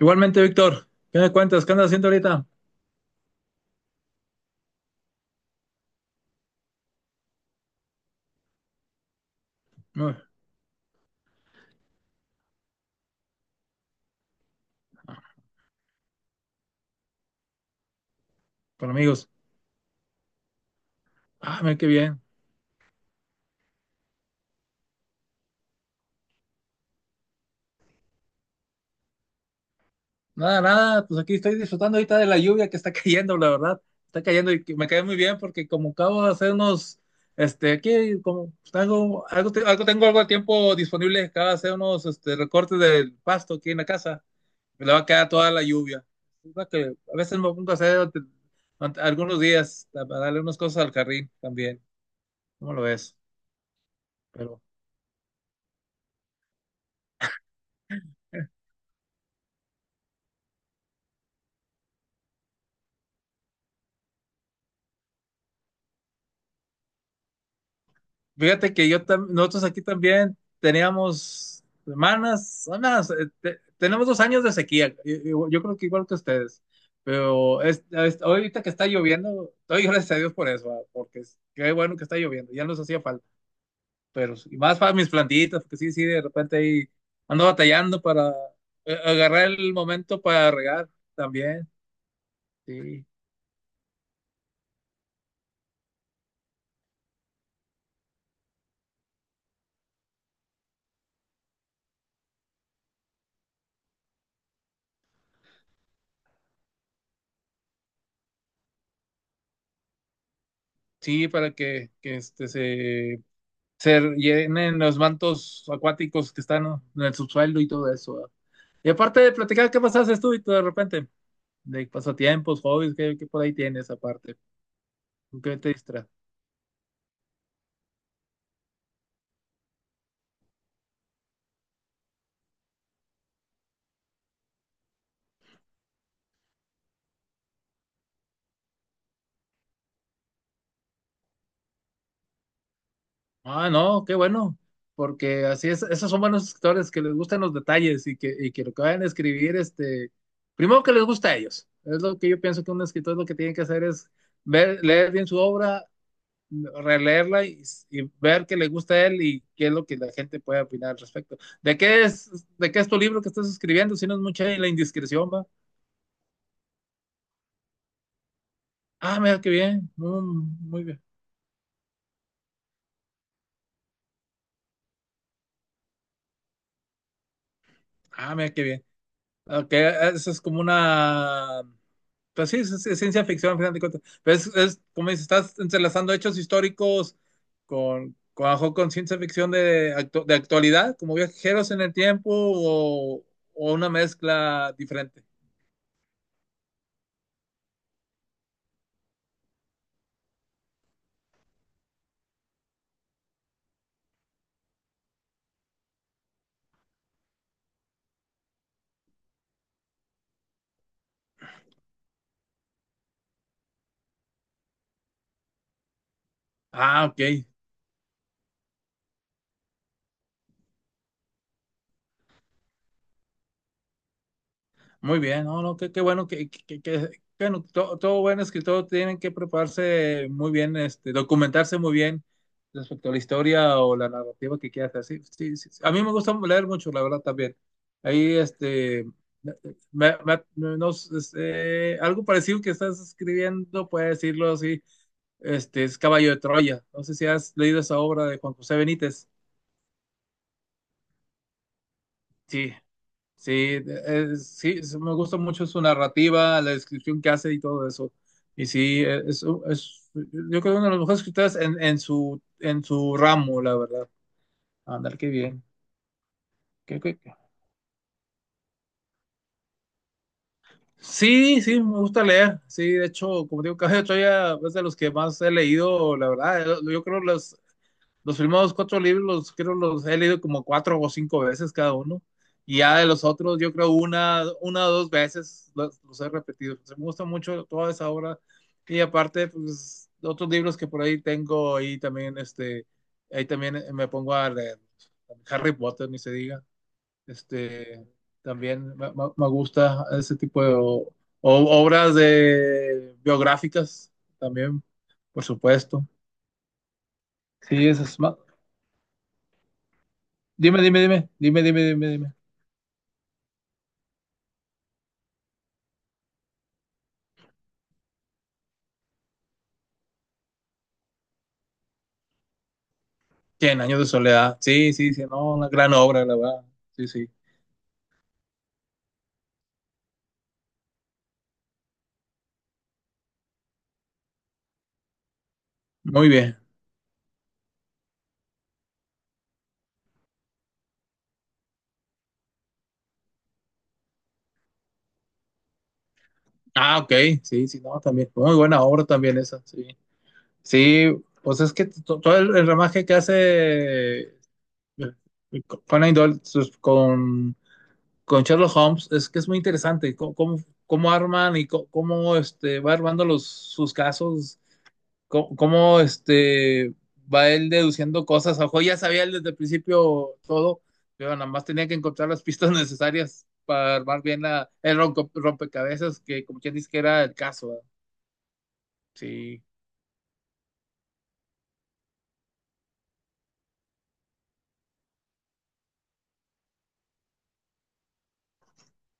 Igualmente, Víctor, ¿qué me cuentas? ¿Qué andas haciendo ahorita? Uy, con amigos. Ah, mira qué bien. Nada, nada, pues aquí estoy disfrutando ahorita de la lluvia que está cayendo, la verdad. Está cayendo y que me cae muy bien porque como acabo de hacer unos, aquí como pues, tengo algo, te- algo tengo algo de tiempo disponible, acabo de hacer unos recortes del pasto aquí en la casa. Me le va a quedar toda la lluvia. Es lo que a veces me pongo a hacer algunos días para darle unas cosas al carril también. ¿Cómo lo ves? Pero fíjate que yo nosotros aquí también teníamos tenemos dos años de sequía. Yo creo que igual que ustedes. Pero ahorita que está lloviendo, doy gracias a Dios por eso, ah, porque qué bueno que está lloviendo, ya nos hacía falta. Pero y más para mis plantitas, porque sí, sí, de repente ahí ando batallando para agarrar el momento para regar también. Sí, sí, para que se llenen los mantos acuáticos que están en el subsuelo y todo eso, ¿verdad? Y aparte de platicar, ¿qué más haces tú y tú de repente? De pasatiempos, hobbies, ¿qué, qué por ahí tienes aparte? ¿Con ¿Qué te distraes? Ah, no, qué bueno, porque así es, esos son buenos escritores que les gustan los detalles y que lo que vayan a escribir, primero que les gusta a ellos. Es lo que yo pienso que un escritor lo que tiene que hacer es ver, leer bien su obra, releerla y ver qué le gusta a él y qué es lo que la gente puede opinar al respecto. De qué es tu libro que estás escribiendo? Si no es mucha la indiscreción, va. Ah, mira qué bien. Mm, muy bien. Ah, mira qué bien. Ok, eso es como una. Pues sí, es ciencia ficción, al final de cuentas. Pero es como dices, estás entrelazando hechos históricos con ciencia ficción de, de actualidad, como viajeros en el tiempo o una mezcla diferente. Ah, ok. Muy bien, no, no, qué, qué bueno que, bueno, todo buen escritor tiene que prepararse muy bien, documentarse muy bien respecto a la historia o la narrativa que quieras hacer. Sí, sí, sí. A mí me gusta leer mucho, la verdad, también. Ahí, no sé, algo parecido que estás escribiendo, puede decirlo así, es Caballo de Troya. No sé si has leído esa obra de Juan José Benítez. Sí. Sí, sí, me gusta mucho su narrativa, la descripción que hace y todo eso. Y sí, es, yo creo que uno de los mejores escritores en su ramo, la verdad. Andar, qué bien. Qué. Sí, sí, me gusta leer. Sí, de hecho, como digo, Caballo de Troya es de los que más he leído, la verdad. Yo creo los primeros cuatro libros los creo los he leído como cuatro o cinco veces cada uno. Y ya de los otros, yo creo una o dos veces los he repetido. Entonces, me gusta mucho toda esa obra. Y aparte, pues, otros libros que por ahí tengo, ahí también, ahí también me pongo a leer. Harry Potter, ni se diga. Este, también me, me gusta ese tipo de obras de biográficas, también, por supuesto. Sí, eso es más. Dime, dime, dime, dime, dime, dime, dime. Cien años de soledad. Sí, sí, sí, no, una gran obra, la verdad. Sí, sí. Muy bien. Ah, ok. Sí, sí, no, también. Muy buena obra también esa, sí. Sí, pues es que todo el ramaje que hace eh, Conan Doyle con Sherlock Holmes es que es muy interesante. Cómo, cómo, cómo arman y cómo, cómo, va armando los, sus casos cómo, cómo, va él deduciendo cosas. Ojo, ya sabía él desde el principio todo, pero nada más tenía que encontrar las pistas necesarias para armar bien la, el rompecabezas, que como quien dice que era el caso, ¿verdad? Sí,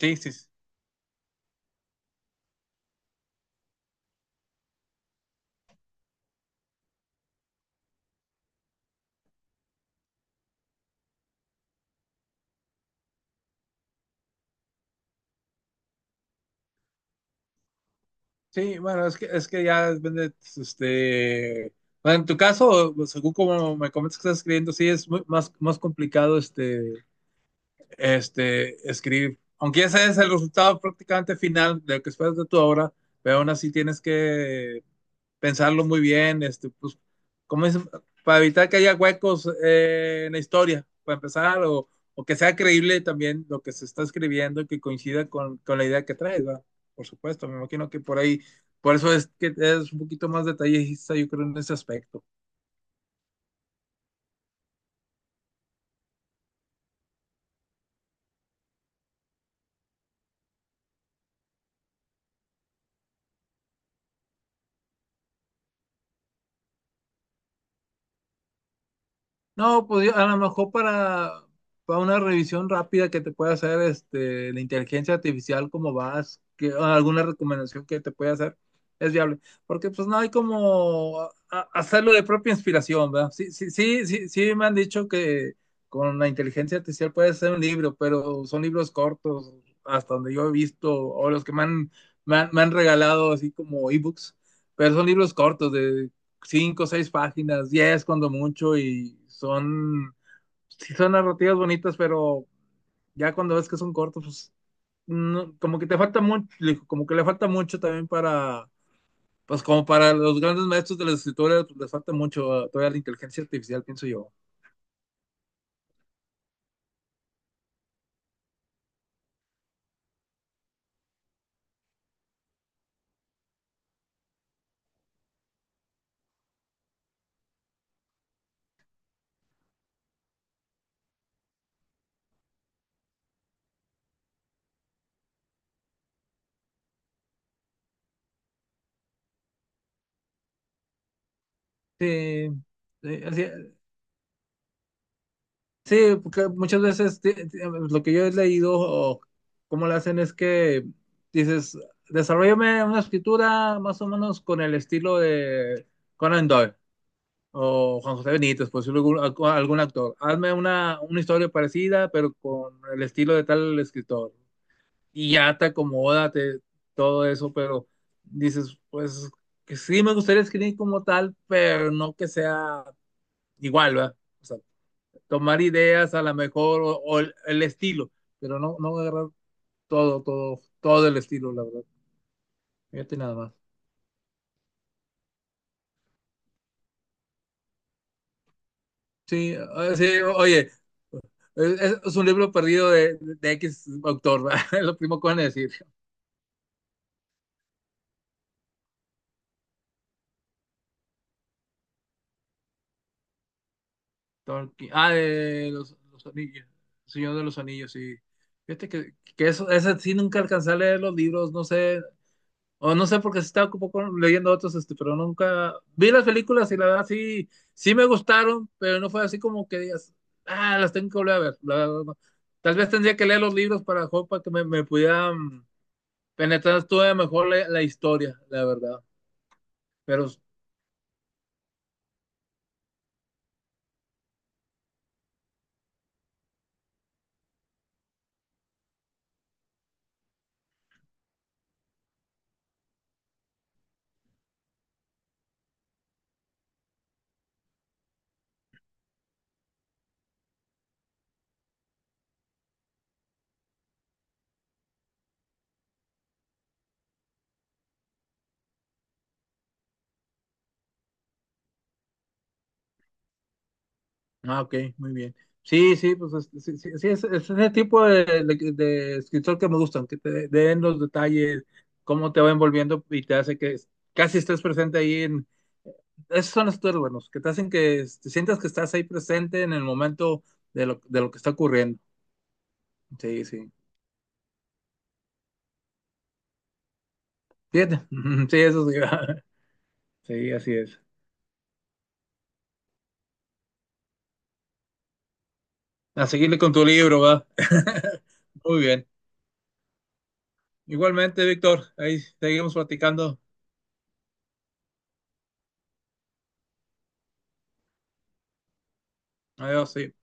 sí, sí. Sí, sí, bueno, es que ya depende, Bueno, en tu caso, según como me comentas que estás escribiendo, sí es más, más complicado escribir, aunque ese es el resultado prácticamente final de lo que esperas de tu obra, pero aún así tienes que pensarlo muy bien, pues, como es, para evitar que haya huecos en la historia, para empezar, o, que sea creíble también lo que se está escribiendo y que coincida con la idea que traes, ¿verdad? Por supuesto, me imagino que por ahí, por eso es que es un poquito más detallista, yo creo, en ese aspecto. No, pues a lo mejor para una revisión rápida que te pueda hacer la inteligencia artificial, cómo vas, que, alguna recomendación que te pueda hacer, es viable. Porque pues no hay como hacerlo de propia inspiración, ¿verdad? Sí, sí, sí, sí, sí me han dicho que con la inteligencia artificial puedes hacer un libro, pero son libros cortos, hasta donde yo he visto, o los que me han, me han, me han regalado así como ebooks, pero son libros cortos de cinco, seis páginas, diez cuando mucho, y son, sí son narrativas bonitas, pero ya cuando ves que son cortos, pues no, como que te falta mucho, como que le falta mucho también para, pues como para los grandes maestros de la escritura, pues, les falta mucho todavía la inteligencia artificial, pienso yo. Sí, sí así. Sí, porque muchas veces lo que yo he leído o cómo lo hacen es que dices, desarrollame una escritura más o menos con el estilo de Conan Doyle o Juan José Benítez, por decirlo algún, algún actor. Hazme una historia parecida, pero con el estilo de tal escritor. Y ya te acomoda todo eso, pero dices, pues que sí me gustaría escribir como tal, pero no que sea igual, ¿verdad? Tomar ideas a lo mejor o el, estilo, pero no, no agarrar todo, todo, todo el estilo, la verdad. Fíjate nada más. Sí, sí oye, es un libro perdido de, X autor, ¿verdad? Es lo primero que van a decir. Tolkien. Ah, de los anillos, Señor de los Anillos, sí. Fíjate que eso, ese sí nunca alcancé a leer los libros, no sé, o no sé, porque se estaba un poco leyendo otros, pero nunca vi las películas y la verdad sí, sí me gustaron, pero no fue así como que digas, ah, las tengo que volver a ver. La verdad, no. Tal vez tendría que leer los libros para, para que me pudieran penetrar todavía mejor la, la historia, la verdad. Pero ah, ok, muy bien. Sí, sí, pues sí, sí, sí, es ese tipo de, de escritor que me gustan, que te den los detalles, cómo te va envolviendo y te hace que casi estés presente ahí en... Esos son los escritores buenos, que te hacen que te sientas que estás ahí presente en el momento de lo que está ocurriendo. Sí, sí. Fíjate. Sí, eso sí. Sí, así es. A seguirle con tu libro, va. Muy bien. Igualmente, Víctor, ahí seguimos platicando. Adiós, sí.